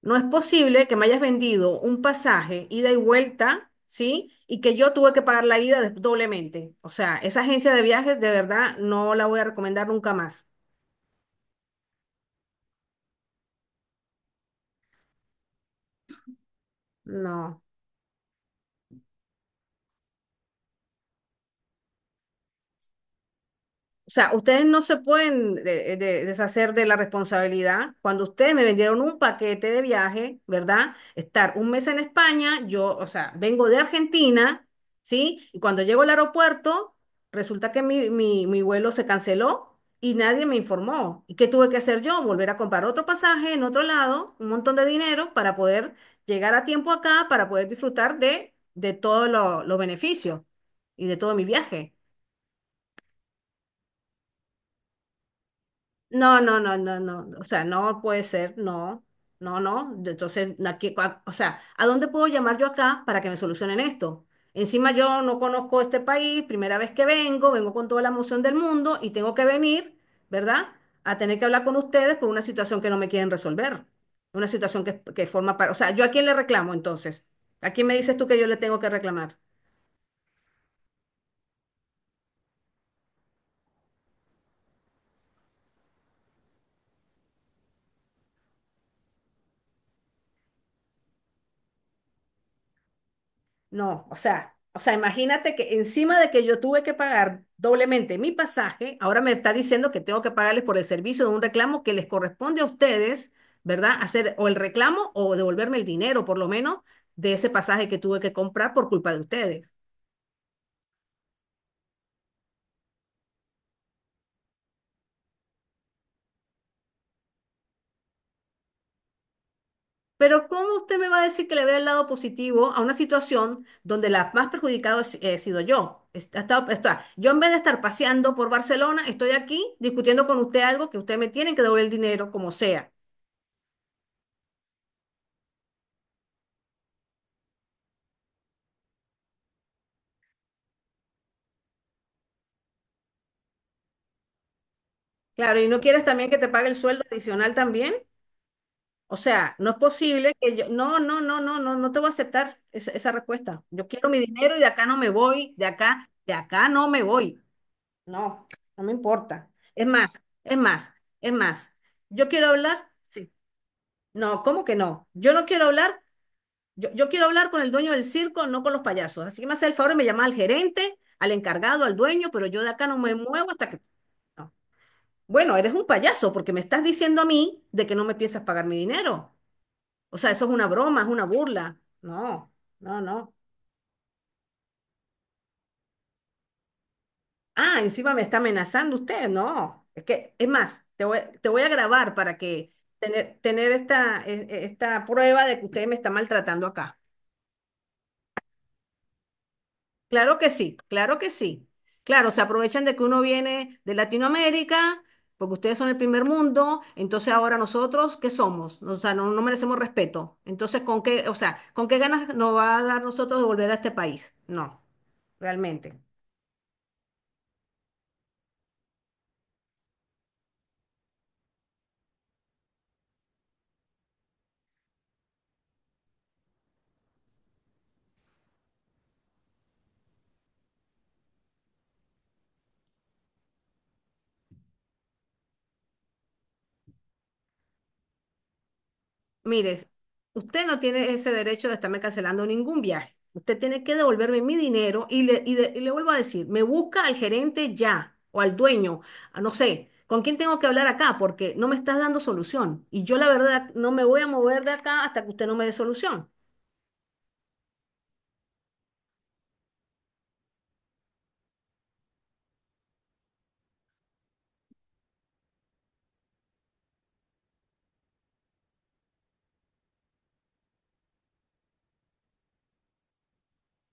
No es posible que me hayas vendido un pasaje, ida y vuelta, ¿sí? Y que yo tuve que pagar la ida doblemente. O sea, esa agencia de viajes de verdad no la voy a recomendar nunca más. No. O sea, ustedes no se pueden deshacer de la responsabilidad. Cuando ustedes me vendieron un paquete de viaje, ¿verdad? Estar un mes en España, yo, o sea, vengo de Argentina, ¿sí? Y cuando llego al aeropuerto, resulta que mi vuelo se canceló y nadie me informó. ¿Y qué tuve que hacer yo? Volver a comprar otro pasaje en otro lado, un montón de dinero para poder llegar a tiempo acá, para poder disfrutar de todos los beneficios y de todo mi viaje. No, no, no, no, no, no, o sea, no puede ser, no, no, no. Entonces, o sea, ¿a dónde puedo llamar yo acá para que me solucionen esto? Encima yo no conozco este país, primera vez que vengo, vengo con toda la emoción del mundo y tengo que venir, ¿verdad? A tener que hablar con ustedes por una situación que no me quieren resolver, una situación que forma para, o sea, ¿yo a quién le reclamo entonces? ¿A quién me dices tú que yo le tengo que reclamar? No, o sea, imagínate que encima de que yo tuve que pagar doblemente mi pasaje, ahora me está diciendo que tengo que pagarles por el servicio de un reclamo que les corresponde a ustedes, ¿verdad? Hacer o el reclamo o devolverme el dinero, por lo menos, de ese pasaje que tuve que comprar por culpa de ustedes. Pero ¿cómo usted me va a decir que le vea el lado positivo a una situación donde la más perjudicada he sido yo? Yo en vez de estar paseando por Barcelona, estoy aquí discutiendo con usted algo que usted me tiene que devolver el dinero como sea. Claro, y no quieres también que te pague el sueldo adicional también. O sea, no es posible que yo, no, no, no, no, no, no te voy a aceptar esa, esa respuesta. Yo quiero mi dinero y de acá no me voy, de acá no me voy. No, no me importa. Es más, es más, es más. Yo quiero hablar, sí. No, ¿cómo que no? Yo no quiero hablar, yo quiero hablar con el dueño del circo, no con los payasos. Así que me hace el favor y me llama al gerente, al encargado, al dueño, pero yo de acá no me muevo hasta que... no. Bueno, eres un payaso porque me estás diciendo a mí de que no me piensas pagar mi dinero. O sea, eso es una broma, es una burla. No, no, no. Ah, encima me está amenazando usted. No, es que, es más, te voy a grabar para que tener esta, esta prueba de que usted me está maltratando acá. Claro que sí, claro que sí. Claro, se aprovechan de que uno viene de Latinoamérica, porque ustedes son el primer mundo, entonces ahora nosotros, ¿qué somos? O sea, no, no merecemos respeto. Entonces, ¿con qué, o sea, con qué ganas nos va a dar nosotros de volver a este país? No, realmente. Mire, usted no tiene ese derecho de estarme cancelando ningún viaje. Usted tiene que devolverme mi dinero y le, y le vuelvo a decir, me busca al gerente ya o al dueño, a no sé, ¿con quién tengo que hablar acá? Porque no me estás dando solución. Y yo la verdad no me voy a mover de acá hasta que usted no me dé solución.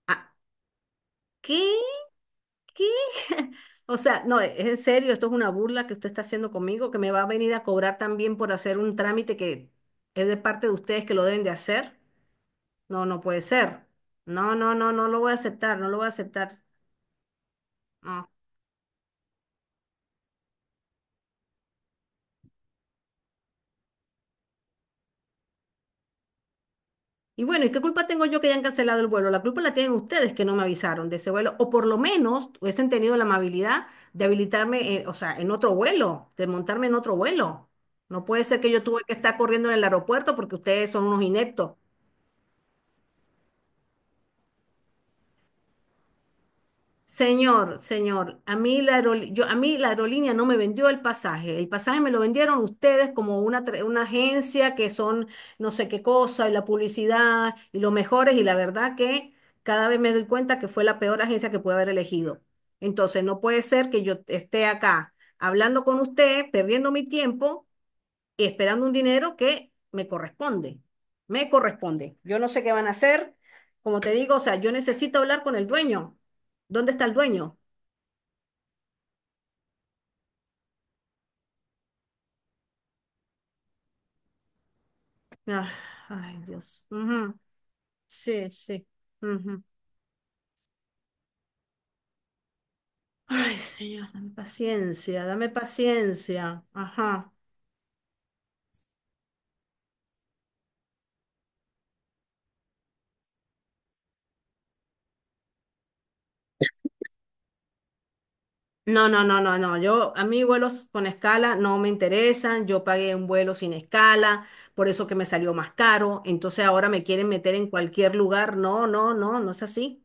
Ah, ¿qué? ¿Qué? O sea, no, es en serio, esto es una burla que usted está haciendo conmigo, que me va a venir a cobrar también por hacer un trámite que es de parte de ustedes que lo deben de hacer. No, no puede ser. No, no, no, no lo voy a aceptar, no lo voy a aceptar. No. Y bueno, ¿y qué culpa tengo yo que hayan cancelado el vuelo? La culpa la tienen ustedes que no me avisaron de ese vuelo, o por lo menos hubiesen tenido la amabilidad de habilitarme, o sea, en otro vuelo, de montarme en otro vuelo. No puede ser que yo tuve que estar corriendo en el aeropuerto porque ustedes son unos ineptos. Señor, señor, a mí la aerol- yo, a mí la aerolínea no me vendió el pasaje. El pasaje me lo vendieron ustedes como una, una agencia que son no sé qué cosa y la publicidad y los mejores y la verdad que cada vez me doy cuenta que fue la peor agencia que pude haber elegido. Entonces no puede ser que yo esté acá hablando con usted, perdiendo mi tiempo y esperando un dinero que me corresponde. Me corresponde. Yo no sé qué van a hacer. Como te digo, o sea, yo necesito hablar con el dueño. ¿Dónde está el dueño? Ah, ay, Dios. Ujú. Sí, sí. Ujú. Ay, señor, dame paciencia, dame paciencia. Ajá. No, no, no, no, no. Yo, a mí vuelos con escala no me interesan. Yo pagué un vuelo sin escala, por eso que me salió más caro. Entonces ahora me quieren meter en cualquier lugar. No, no, no, no es así.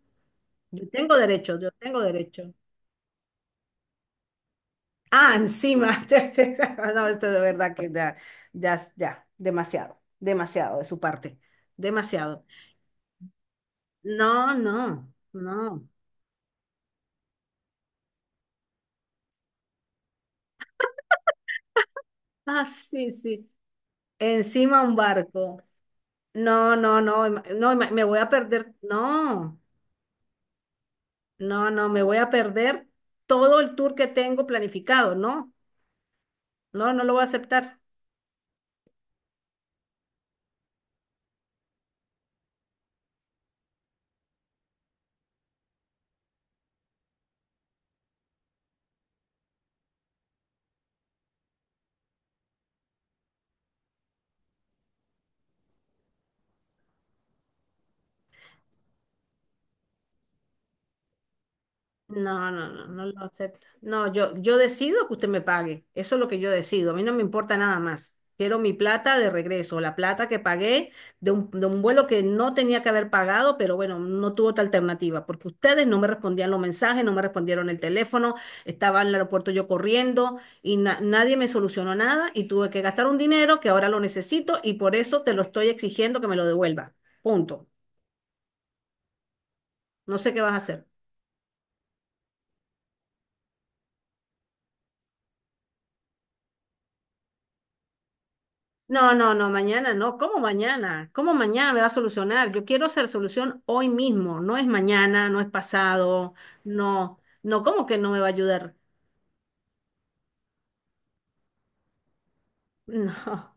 Yo tengo derecho, yo tengo derecho. Ah, encima. Sí, sí, sí. No, esto de verdad que ya, ya, ya, demasiado, demasiado de su parte, demasiado. No, no, no. Ah, sí, sí. Encima un barco. No, no, no, no, me voy a perder. No, no, no, me voy a perder todo el tour que tengo planificado. No, no, no lo voy a aceptar. No, no, no, no lo acepto. No, yo decido que usted me pague. Eso es lo que yo decido. A mí no me importa nada más. Quiero mi plata de regreso, la plata que pagué de un vuelo que no tenía que haber pagado, pero bueno, no tuvo otra alternativa, porque ustedes no me respondían los mensajes, no me respondieron el teléfono, estaba en el aeropuerto yo corriendo y nadie me solucionó nada y tuve que gastar un dinero que ahora lo necesito y por eso te lo estoy exigiendo que me lo devuelva. Punto. No sé qué vas a hacer. No, no, no, mañana no. ¿Cómo mañana? ¿Cómo mañana me va a solucionar? Yo quiero hacer solución hoy mismo. No es mañana, no es pasado, no, no, ¿cómo que no me va a ayudar? No.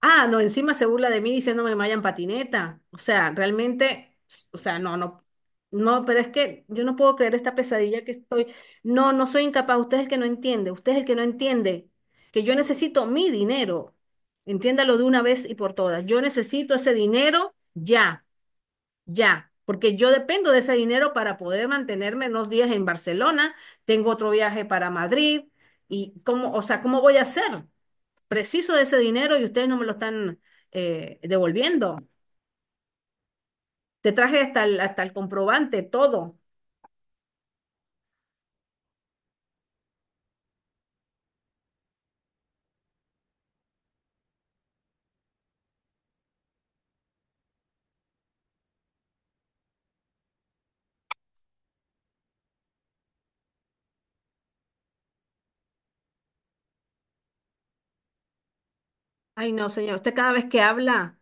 Ah, no, encima se burla de mí diciéndome que me vaya en patineta. O sea, realmente, o sea, no, no, no, pero es que yo no puedo creer esta pesadilla que estoy. No, no soy incapaz. Usted es el que no entiende, usted es el que no entiende que yo necesito mi dinero. Entiéndalo de una vez y por todas. Yo necesito ese dinero ya. Ya, porque yo dependo de ese dinero para poder mantenerme unos días en Barcelona, tengo otro viaje para Madrid, y cómo, o sea, ¿cómo voy a hacer? Preciso de ese dinero y ustedes no me lo están devolviendo. Te traje hasta el comprobante, todo. Ay, no, señor, usted cada vez que habla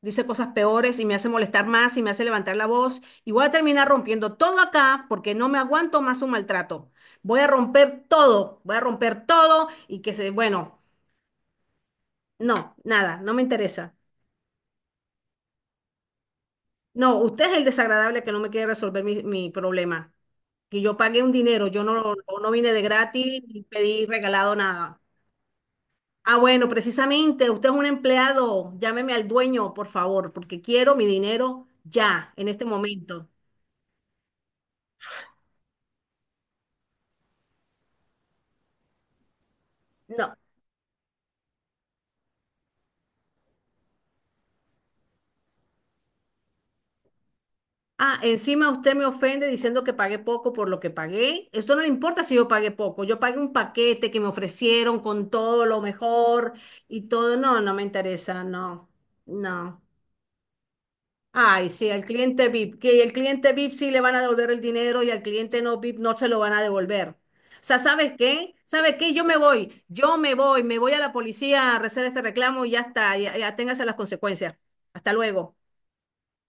dice cosas peores y me hace molestar más y me hace levantar la voz y voy a terminar rompiendo todo acá porque no me aguanto más un maltrato. Voy a romper todo, voy a romper todo y que se, bueno. No, nada, no me interesa. No, usted es el desagradable que no me quiere resolver mi, mi problema. Que yo pagué un dinero, yo no, no no vine de gratis ni pedí regalado nada. Ah, bueno, precisamente, usted es un empleado, llámeme al dueño, por favor, porque quiero mi dinero ya, en este momento. No. Ah, encima usted me ofende diciendo que pagué poco por lo que pagué. Esto no le importa si yo pagué poco. Yo pagué un paquete que me ofrecieron con todo lo mejor y todo. No, no me interesa, no, no. Ay, sí, al cliente VIP, que el cliente VIP sí le van a devolver el dinero y al cliente no VIP no se lo van a devolver. O sea, ¿sabes qué? ¿Sabes qué? Yo me voy a la policía a hacer este reclamo y ya está, ya, ya téngase las consecuencias. Hasta luego.